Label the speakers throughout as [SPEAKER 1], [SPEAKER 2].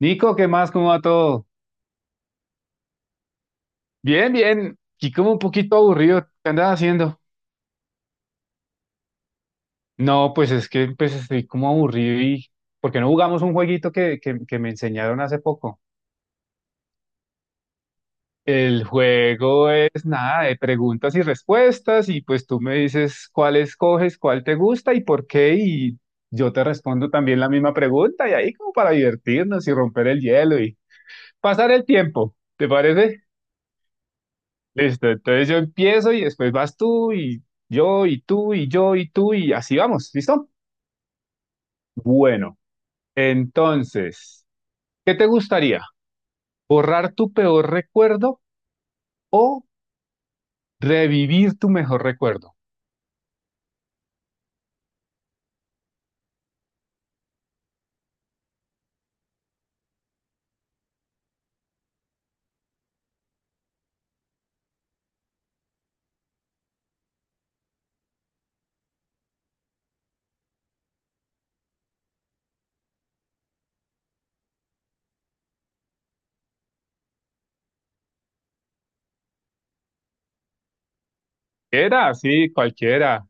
[SPEAKER 1] Nico, ¿qué más? ¿Cómo va todo? Bien, bien. Y como un poquito aburrido. ¿Qué andas haciendo? No, pues es que pues estoy como aburrido y... ¿Por qué no jugamos un jueguito que me enseñaron hace poco? El juego es nada de preguntas y respuestas y pues tú me dices cuál escoges, cuál te gusta y por qué y yo te respondo también la misma pregunta y ahí como para divertirnos y romper el hielo y pasar el tiempo. ¿Te parece? Listo, entonces yo empiezo y después vas tú y yo y tú y yo y tú y así vamos, ¿listo? Bueno, entonces, ¿qué te gustaría? ¿Borrar tu peor recuerdo o revivir tu mejor recuerdo? Era, sí, cualquiera.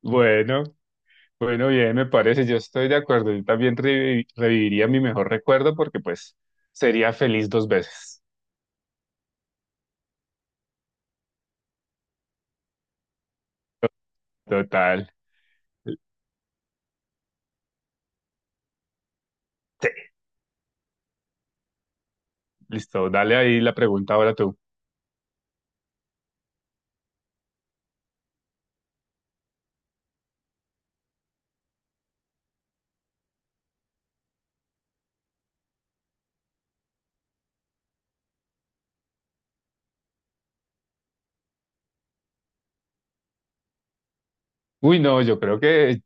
[SPEAKER 1] Bueno, bueno, bien, me parece, yo estoy de acuerdo. Yo también reviviría mi mejor recuerdo porque pues sería feliz dos veces. Total. Sí, listo, dale ahí la pregunta ahora tú. Uy, no, yo creo que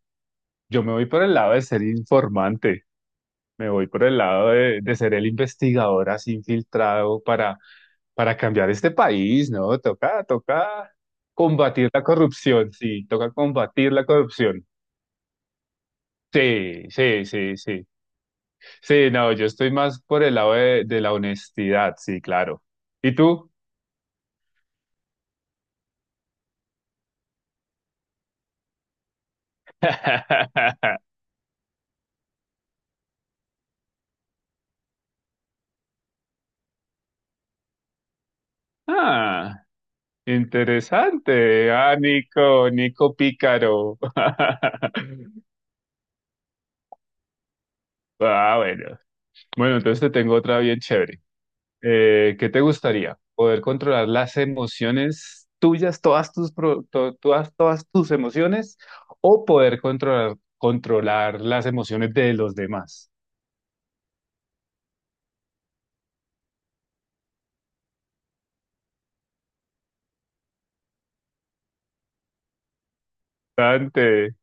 [SPEAKER 1] yo me voy por el lado de ser informante, me voy por el lado de ser el investigador así infiltrado para cambiar este país, ¿no? Toca, toca combatir la corrupción, sí, toca combatir la corrupción. Sí, sí, sí, sí. Sí, no, yo estoy más por el lado de la honestidad, sí, claro. ¿Y tú? Ah, interesante. Ah, Nico, Nico Pícaro. Ah, bueno. Bueno, entonces te tengo otra bien chévere. ¿Qué te gustaría? ¿Poder controlar las emociones tuyas, todas tus, todas, todas tus emociones, o poder controlar, controlar las emociones de los demás? Dante.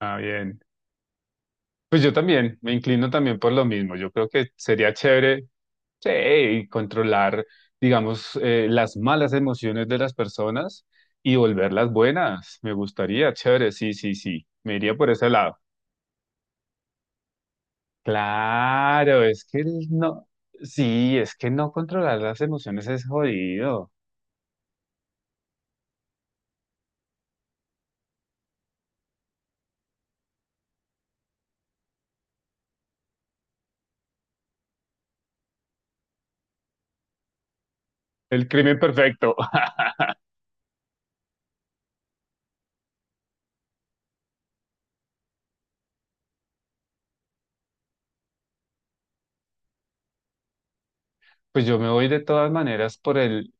[SPEAKER 1] Ah, bien. Pues yo también, me inclino también por lo mismo. Yo creo que sería chévere. Sí, y controlar, digamos, las malas emociones de las personas y volverlas buenas. Me gustaría, chévere, sí, sí, sí. Me iría por ese lado. Claro, es que el no, sí, es que no controlar las emociones es jodido. El crimen perfecto. Pues yo me voy de todas maneras por el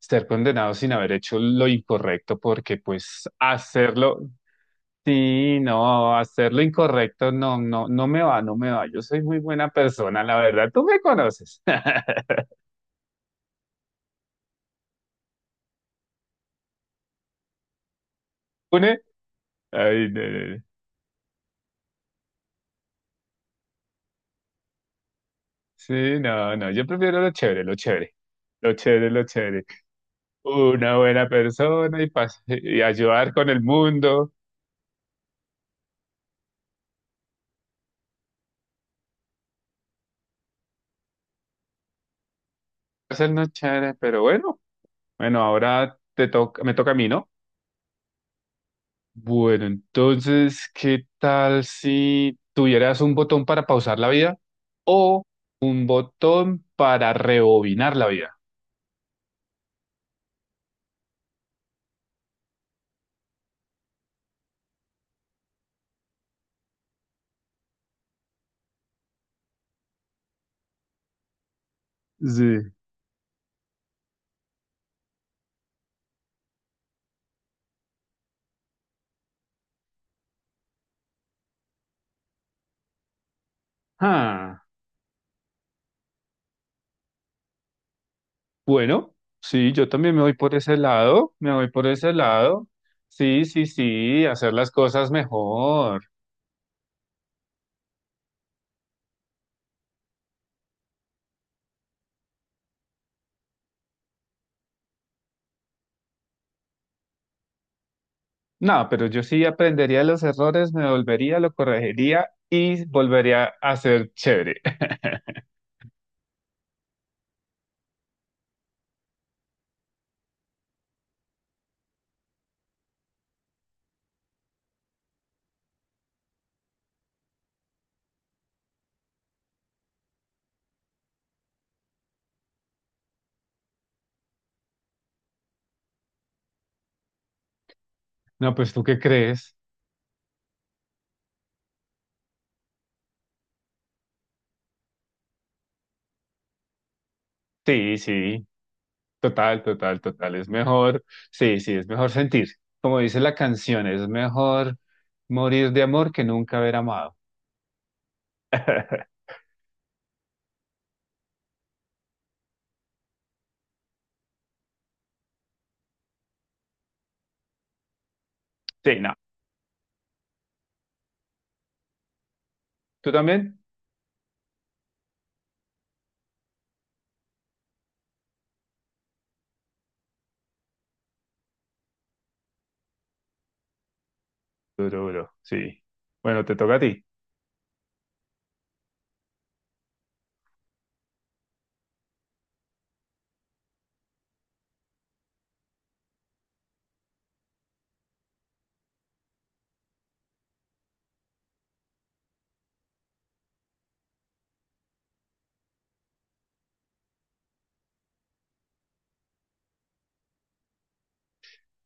[SPEAKER 1] estar condenado sin haber hecho lo incorrecto, porque pues hacerlo, sí, no, hacer lo incorrecto no, no, no me va, no me va. Yo soy muy buena persona, la verdad, tú me conoces. Une- Ay, no, no, no. Sí, no, no, yo prefiero lo chévere, lo chévere, lo chévere, lo chévere. Una buena persona y, y ayudar con el mundo. Hacernos chévere, pero bueno, bueno, ahora te toca, me toca a mí, ¿no? Bueno, entonces, ¿qué tal si tuvieras un botón para pausar la vida o botón para rebobinar la vida? Sí. Ah, bueno, sí, yo también me voy por ese lado, me voy por ese lado. Sí, sí, sí, hacer las cosas mejor. No, pero yo sí aprendería los errores, me volvería, lo corregiría y volvería a ser chévere. No, pues ¿tú qué crees? Sí, sí. Total, total, total. Es mejor, sí, sí, es mejor sentir. Como dice la canción, es mejor morir de amor que nunca haber amado. Sí, no. ¿Tú también? Duro, duro, sí. Bueno, te toca a ti.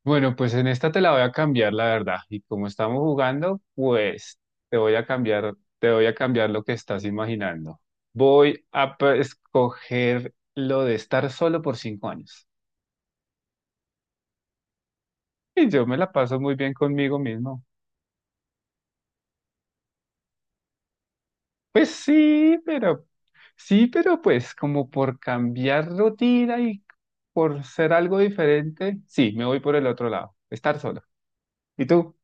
[SPEAKER 1] Bueno, pues en esta te la voy a cambiar, la verdad. Y como estamos jugando, pues te voy a cambiar, te voy a cambiar lo que estás imaginando. Voy a escoger lo de estar solo por 5 años. Y yo me la paso muy bien conmigo mismo. Pues sí, pero pues como por cambiar rutina y por ser algo diferente, sí, me voy por el otro lado, estar solo. ¿Y tú?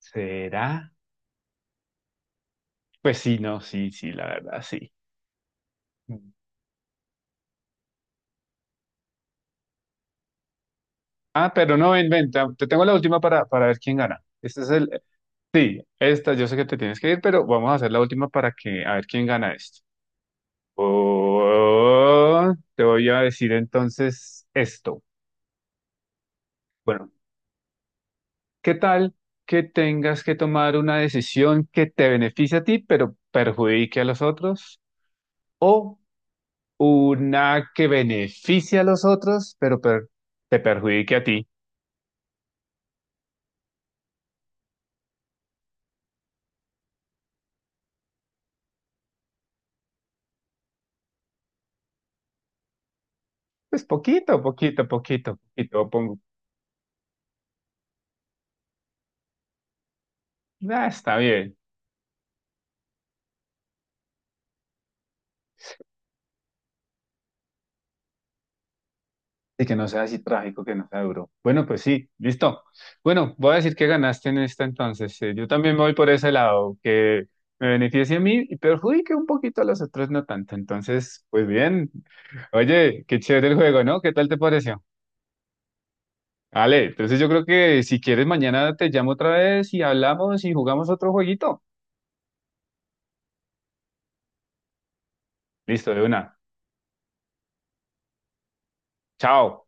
[SPEAKER 1] ¿Será? Pues sí, no, sí, sí, la verdad, sí. Mm. Ah, pero no, ven, ven, te tengo la última para ver quién gana. Este es el, esta, yo sé que te tienes que ir, pero vamos a hacer la última para que, a ver quién gana esto. Oh, te voy a decir entonces esto. Bueno. ¿Qué tal que tengas que tomar una decisión que te beneficie a ti, pero perjudique a los otros? ¿O una que beneficie a los otros, pero te perjudique a ti? Pues poquito, poquito, poquito, poquito. Pongo, ah, está bien. Y que no sea así trágico, que no sea duro. Bueno, pues sí, listo. Bueno, voy a decir que ganaste en esta entonces. Yo también me voy por ese lado, que me beneficie a mí y perjudique un poquito a los otros, no tanto. Entonces, pues bien. Oye, qué chévere el juego, ¿no? ¿Qué tal te pareció? Vale, entonces yo creo que si quieres mañana te llamo otra vez y hablamos y jugamos otro jueguito. Listo, de una. Chao.